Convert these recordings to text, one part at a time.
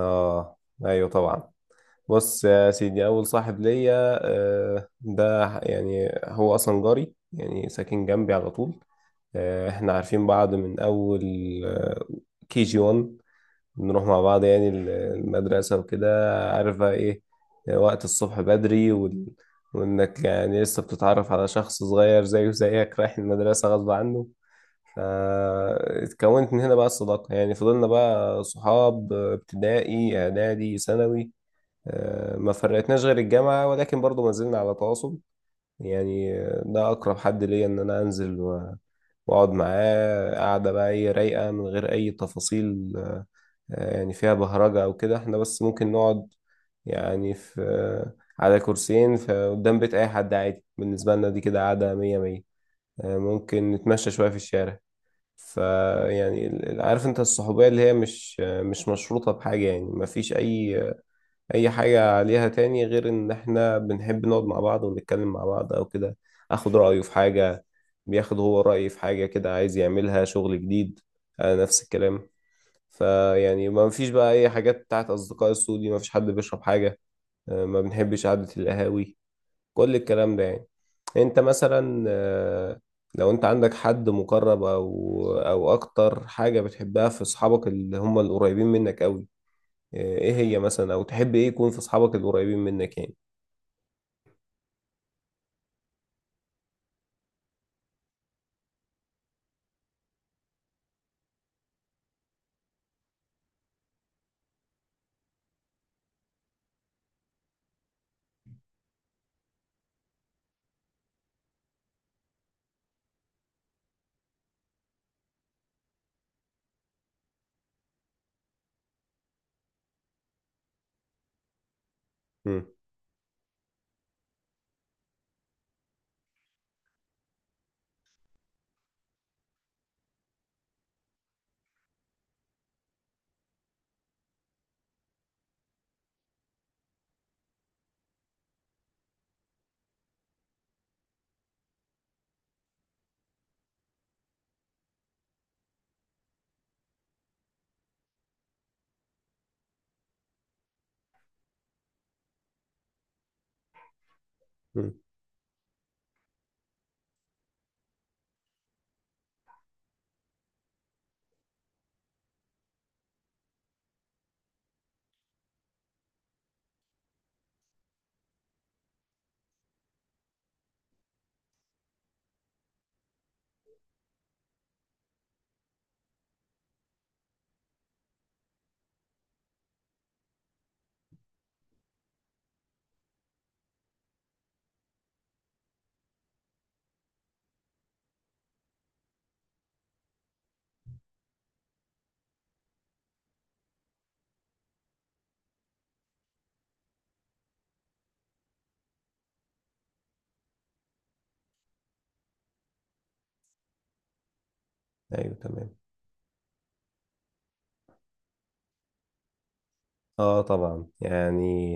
اه، ايوه، طبعا. بص يا سيدي، اول صاحب ليا ده يعني هو اصلا جاري، يعني ساكن جنبي على طول. احنا عارفين بعض من اول، آه، كي جي 1. بنروح مع بعض يعني المدرسة وكده. عارف بقى ايه؟ وقت الصبح بدري وانك يعني لسه بتتعرف على شخص صغير زيه زيك رايح المدرسة غصب عنه. فاتكونت من هنا بقى الصداقة، يعني فضلنا بقى صحاب ابتدائي إعدادي ثانوي. ما فرقتناش غير الجامعة، ولكن برضو ما زلنا على تواصل. يعني ده أقرب حد ليا، إن أنا أنزل وأقعد معاه قعدة بقى إيه، رايقة من غير أي تفاصيل. يعني فيها بهرجة أو كده، إحنا بس ممكن نقعد، يعني في آه، على كرسيين في قدام بيت أي حد، عادي بالنسبة لنا، دي كده قعدة مية مية. ممكن نتمشى شوية في الشارع. فيعني عارف انت الصحوبية اللي هي مش مشروطة بحاجة، يعني مفيش أي حاجة عليها تاني غير إن احنا بنحب نقعد مع بعض ونتكلم مع بعض أو كده. آخد رأيه في حاجة، بياخد هو رأيي في حاجة كده عايز يعملها، شغل جديد، نفس الكلام. فيعني ما فيش بقى أي حاجات بتاعت أصدقاء السوء دي، ما فيش حد بيشرب حاجة. ما بنحبش قعدة القهاوي، كل الكلام ده. يعني انت مثلا، لو انت عندك حد مقرب، او اكتر حاجة بتحبها في اصحابك اللي هم القريبين منك قوي، ايه هي مثلا، او تحب ايه يكون في اصحابك القريبين منك يعني؟ امم. ايوه، تمام. اه، طبعا، يعني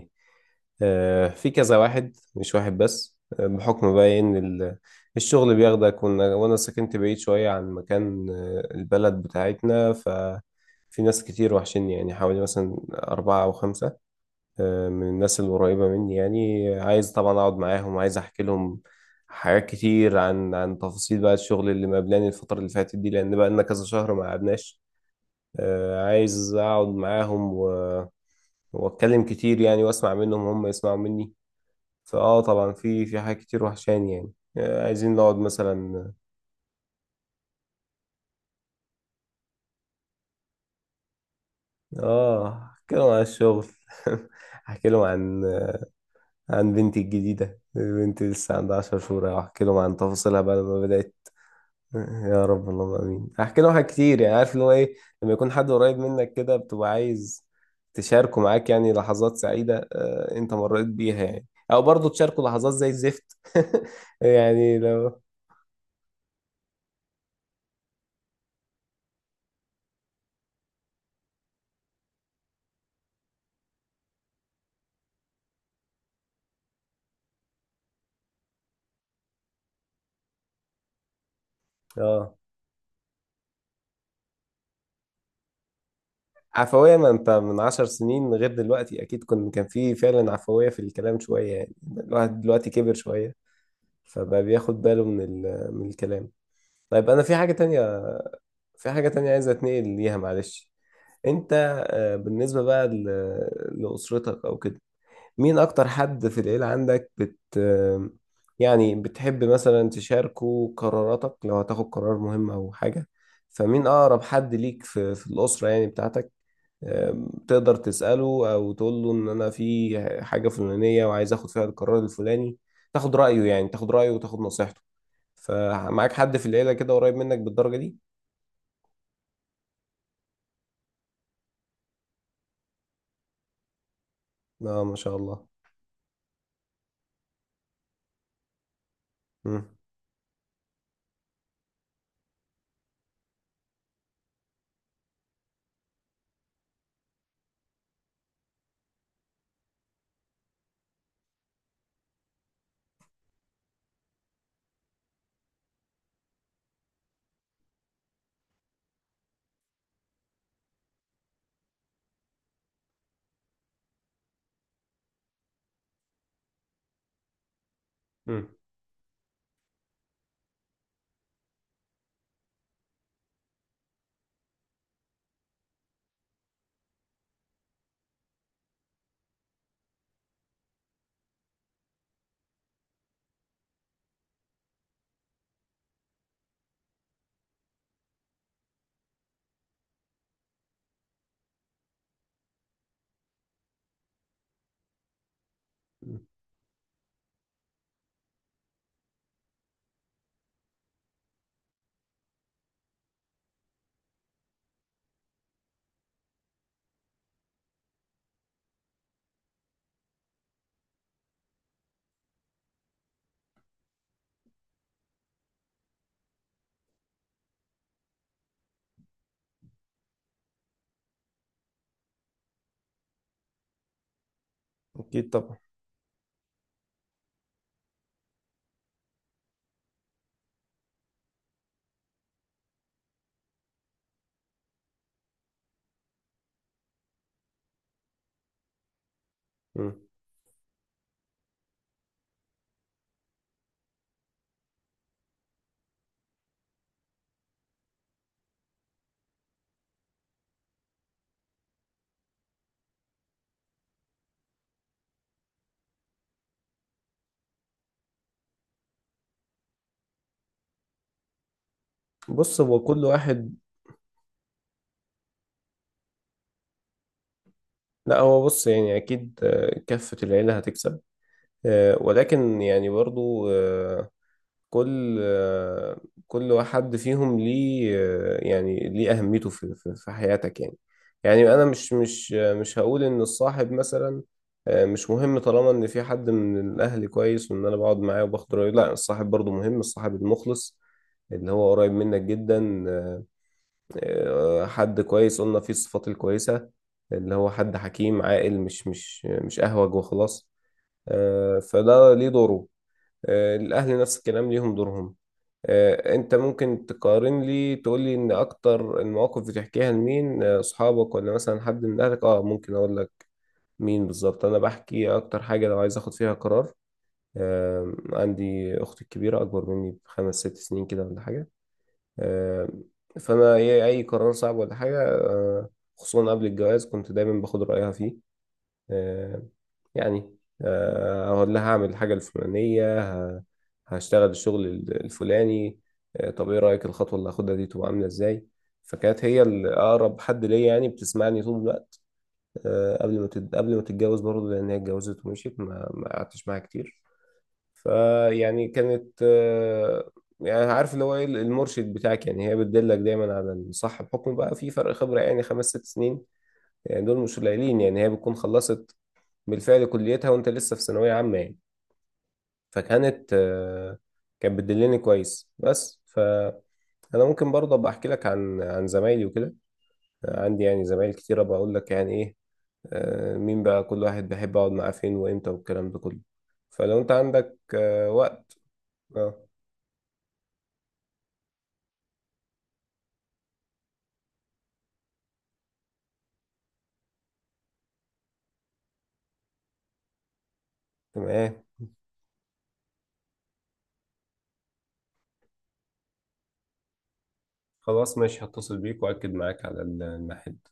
في كذا واحد مش واحد بس. بحكم بقى ان الشغل بياخدك، وأنا سكنت بعيد شوية عن مكان البلد بتاعتنا. ففي ناس كتير وحشني، يعني حوالي مثلا أربعة أو خمسة، من الناس القريبة مني. يعني عايز طبعا أقعد معاهم، عايز أحكي لهم حاجات كتير عن تفاصيل بقى الشغل اللي مقابلاني الفترة اللي فاتت دي، لأن بقى لنا كذا شهر ما قعدناش. عايز أقعد معاهم وأتكلم كتير يعني، وأسمع منهم وهم يسمعوا مني. فاه، طبعا في حاجات كتير وحشاني، يعني عايزين نقعد مثلا. اه، احكي لهم عن الشغل. احكي لهم عن بنتي الجديدة. بنتي لسه عندها 10 شهور، احكي لهم عن تفاصيلها بقى لما بدأت. يا رب، اللهم امين. احكي لهم حاجات كتير، يعني عارف اللي هو ايه، لما يكون حد قريب منك كده، بتبقى عايز تشاركه معاك يعني لحظات سعيدة انت مريت بيها يعني، او برضه تشاركه لحظات زي الزفت. يعني لو... اه، عفوية. ما انت من عشر سنين غير دلوقتي، اكيد كان في فعلا عفوية في الكلام شوية. يعني الواحد دلوقتي كبر شوية، فبقى بياخد باله من الكلام. طيب، انا في حاجة تانية عايز اتنقل ليها، معلش. انت بالنسبة بقى لأسرتك او كده، مين اكتر حد في العيلة عندك بت آه، يعني بتحب مثلا تشاركه قراراتك لو هتاخد قرار مهم او حاجة؟ فمين اقرب حد ليك في الأسرة، يعني بتاعتك، تقدر تسأله أو تقول له إن أنا في حاجة فلانية وعايز آخد فيها القرار الفلاني؟ تاخد رأيه، يعني تاخد رأيه وتاخد نصيحته. فمعاك حد في العيلة كده قريب منك بالدرجة دي؟ آه، ما شاء الله. مم. مم. مم. أكيد طبعا. مم. بص، هو كل واحد. لا، هو بص يعني، أكيد كافة العيلة هتكسب، ولكن يعني برضو كل آه، كل واحد فيهم ليه يعني ليه أهميته في حياتك يعني أنا مش هقول إن الصاحب مثلا مش مهم طالما إن في حد من الأهل كويس وإن أنا بقعد معاه وباخد رأيه. لا، الصاحب برضو مهم، الصاحب المخلص اللي هو قريب منك جدا، حد كويس قلنا فيه الصفات الكويسة، اللي هو حد حكيم عاقل مش أهوج وخلاص. فده ليه دوره، الأهل نفس الكلام ليهم دورهم. انت ممكن تقارن لي، تقول لي ان اكتر المواقف بتحكيها لمين، اصحابك ولا مثلا حد من اهلك؟ اه، ممكن اقول لك مين بالظبط. انا بحكي اكتر حاجة لو عايز اخد فيها قرار، عندي اختي الكبيرة، اكبر مني بخمس ست سنين كده ولا حاجة. آه، فانا أي قرار صعب ولا حاجة، خصوصا قبل الجواز، كنت دايما باخد رأيها فيه. آه، يعني أقول لها هعمل الحاجة الفلانية، ه- هشتغل الشغل الفلاني. طب إيه رأيك الخطوة اللي هاخدها دي تبقى عاملة إزاي؟ فكانت هي الأقرب حد ليا، يعني بتسمعني طول الوقت. قبل ما تتجوز برضه، لأن هي اتجوزت ومشيت، ما قعدتش معاها كتير. فيعني كانت، يعني عارف اللي هو إيه المرشد بتاعك، يعني هي بتدلك دايما على الصح، بحكم بقى في فرق خبرة، يعني 5-6 سنين، يعني دول مش قليلين. يعني هي بتكون خلصت بالفعل كليتها وانت لسه في ثانوية عامة يعني. فكانت، كانت بتدلني كويس بس. فأنا ممكن برضه أبقى أحكي لك عن زمايلي وكده، عندي يعني زمايل كتيرة بقول لك يعني إيه، مين بقى كل واحد بحب أقعد معاه فين وإمتى والكلام ده كله، فلو أنت عندك وقت. أه، تمام. خلاص، ماشي، هتصل بيك وأكد معاك على الميعاد.